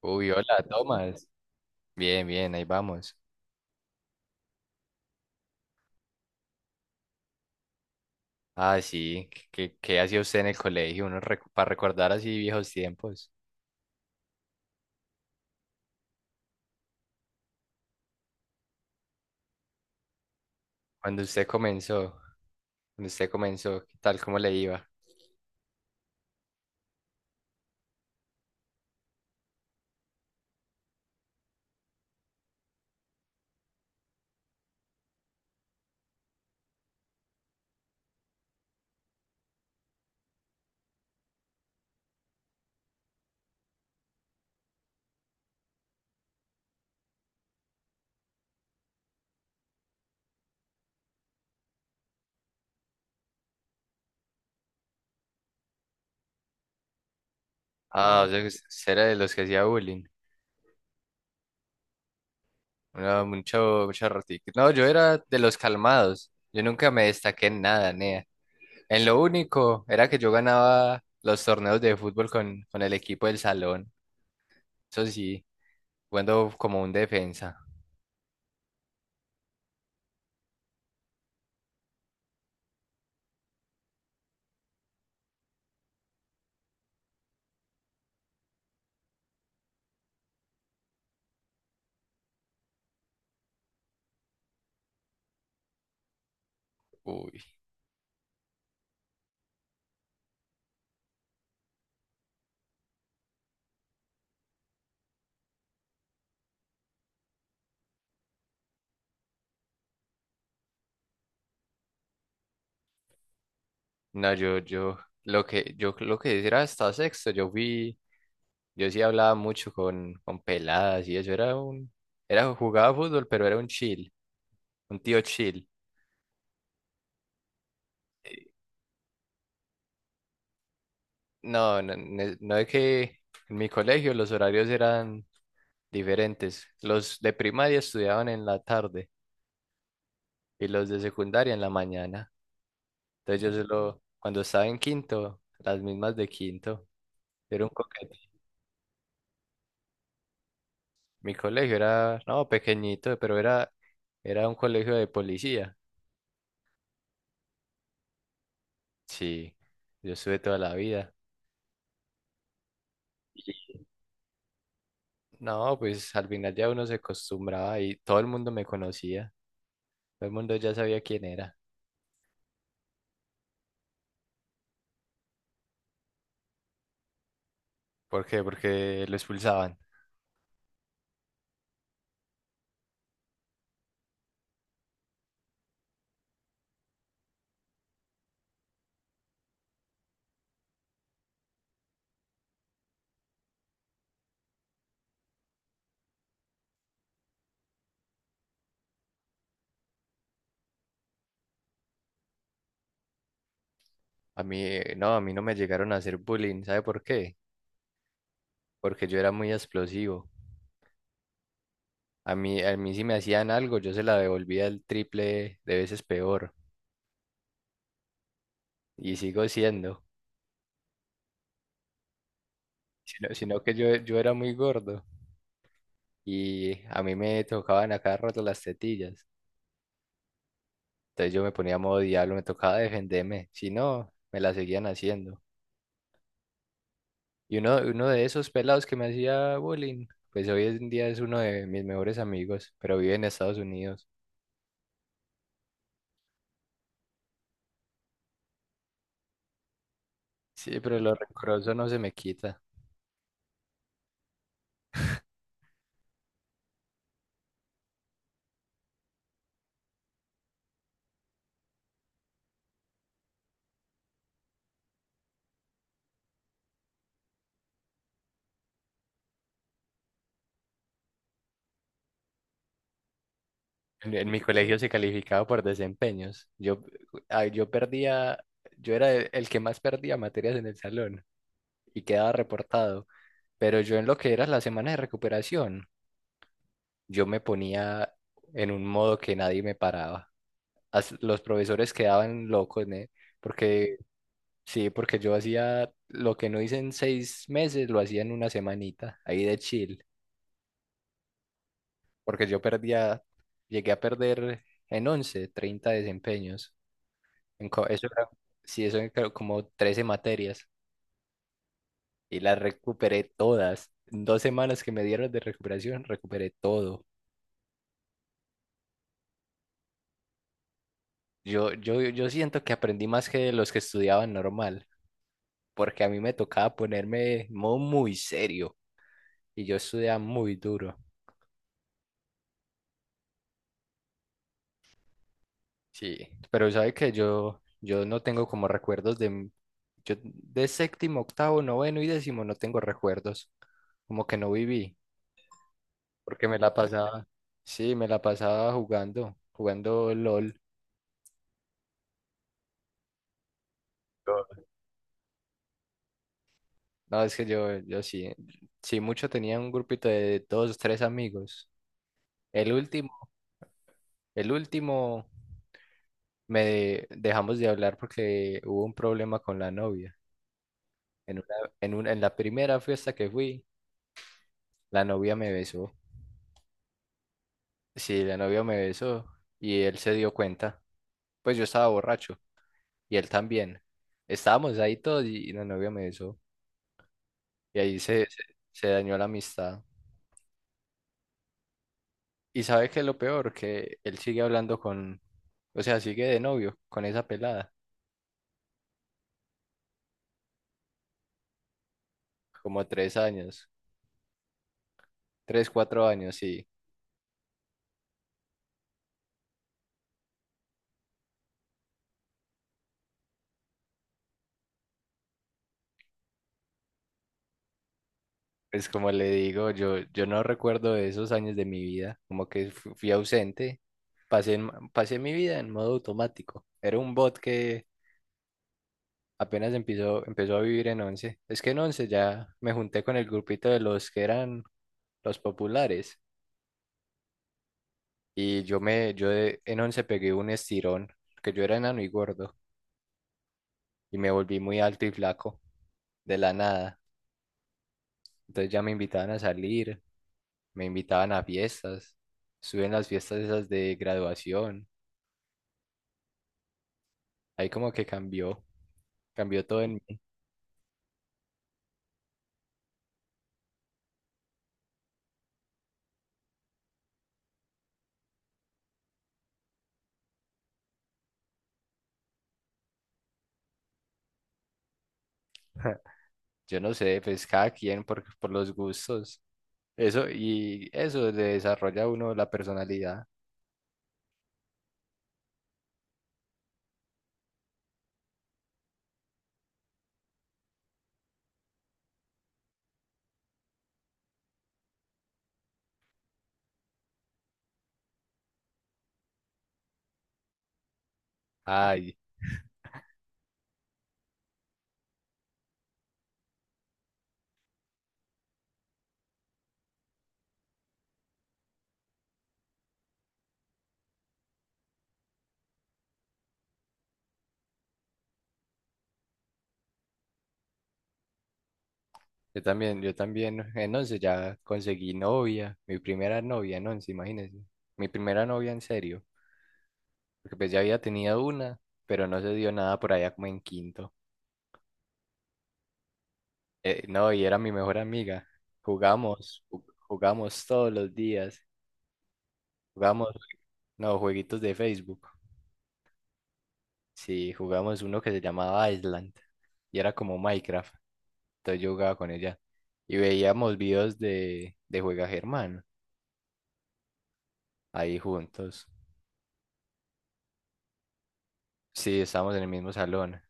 Uy, hola, Tomás. Bien, bien, ahí vamos. Ah, sí, ¿qué hacía usted en el colegio? Para recordar así viejos tiempos. Cuando usted comenzó, cuando usted comenzó, ¿qué tal, cómo le iba? Ah, o sea, que usted era de los que hacía bullying. No, mucho, mucho ratito. No, yo era de los calmados. Yo nunca me destaqué en nada, nea. En lo único era que yo ganaba los torneos de fútbol con el equipo del salón. Eso sí, jugando como un defensa. No, yo lo que era hasta sexto, yo sí hablaba mucho con peladas y eso, era, jugaba fútbol, pero era un chill, un tío chill. No, no es que en mi colegio los horarios eran diferentes. Los de primaria estudiaban en la tarde y los de secundaria en la mañana. Entonces yo solo, cuando estaba en quinto, las mismas de quinto, era un coquete. Mi colegio era, no, pequeñito, pero era, era un colegio de policía. Sí, yo estuve toda la vida. Y No, pues al final ya uno se acostumbraba y todo el mundo me conocía. Todo el mundo ya sabía quién era. ¿Por qué? Porque lo expulsaban. A mí, no, a mí no me llegaron a hacer bullying. ¿Sabe por qué? Porque yo era muy explosivo. A mí si me hacían algo, yo se la devolvía el triple de veces peor. Y sigo siendo. Sino, sino que yo era muy gordo. Y a mí me tocaban a cada rato las tetillas. Entonces yo me ponía a modo diablo, me tocaba defenderme, si no, me la seguían haciendo. Y uno de esos pelados que me hacía bullying, pues hoy en día es uno de mis mejores amigos, pero vive en Estados Unidos. Sí, pero lo rencoroso no se me quita. En mi colegio se calificaba por desempeños. Yo, ah, yo perdía, yo era el que más perdía materias en el salón y quedaba reportado, pero yo en lo que era la semana de recuperación, yo me ponía en un modo que nadie me paraba. Los profesores quedaban locos, ¿eh? Porque, sí, porque yo hacía lo que no hice en seis meses, lo hacía en una semanita, ahí de chill, porque llegué a perder en 11 30 desempeños. Eso era, sí, eso eran creo como 13 materias y las recuperé todas. En dos semanas que me dieron de recuperación, recuperé todo. Yo siento que aprendí más que los que estudiaban normal, porque a mí me tocaba ponerme en modo muy serio y yo estudiaba muy duro. Sí, pero sabe que yo no tengo como recuerdos yo de séptimo, octavo, noveno y décimo no tengo recuerdos, como que no viví, porque me la pasaba, sí, me la pasaba jugando, jugando LOL. Yo- No, es que yo sí mucho tenía un grupito de dos, tres amigos. El último, el último dejamos de hablar porque hubo un problema con la novia. En una- en un- En la primera fiesta que fui, la novia me besó. Sí, la novia me besó y él se dio cuenta. Pues yo estaba borracho y él también. Estábamos ahí todos y la novia me besó. Y ahí se dañó la amistad. Y sabe que lo peor, que él sigue hablando con, o sea, sigue de novio con esa pelada, como tres años, tres, cuatro años, sí. Pues como le digo, yo no recuerdo de esos años de mi vida, como que fui ausente, pasé mi vida en modo automático. Era un bot que apenas empezó, empezó a vivir en Once. Es que en Once ya me junté con el grupito de los que eran los populares. Y yo me, yo de- En Once pegué un estirón, que yo era enano y gordo. Y me volví muy alto y flaco, de la nada. Entonces ya me invitaban a salir, me invitaban a fiestas. Estuve en las fiestas esas de graduación. Ahí como que cambió, cambió todo en mí. Yo no sé, pues cada quien por los gustos. Eso, y eso le desarrolla a uno la personalidad. Ay, yo también en once ya conseguí novia, mi primera novia en once, imagínense. Mi primera novia en serio, porque pues ya había tenido una, pero no se dio nada por allá como en quinto. No, y era mi mejor amiga. Jugamos todos los días. Jugamos, no, jueguitos de Facebook. Sí, jugamos uno que se llamaba Island y era como Minecraft. Entonces yo jugaba con ella y veíamos videos de Juega Germán ahí juntos. Sí, estábamos en el mismo salón.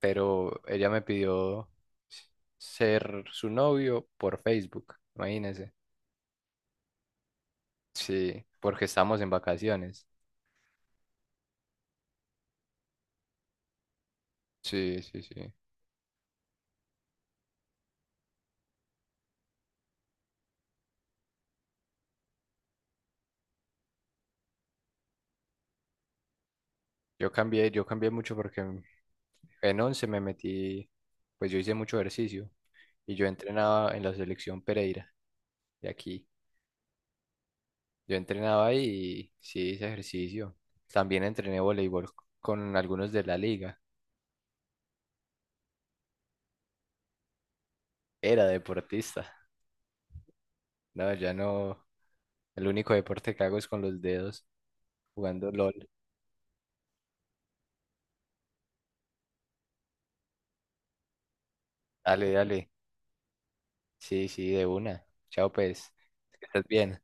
Pero ella me pidió ser su novio por Facebook, imagínense. Sí, porque estamos en vacaciones. Sí, sí, sí. Yo cambié mucho porque en 11 me metí, pues yo hice mucho ejercicio y yo entrenaba en la selección Pereira de aquí. Yo entrenaba ahí y sí hice ejercicio. También entrené voleibol con algunos de la liga. Era deportista. No, ya no. El único deporte que hago es con los dedos, jugando LOL. Dale, dale. Sí, sí, de una. Chao, pues. Que estés bien.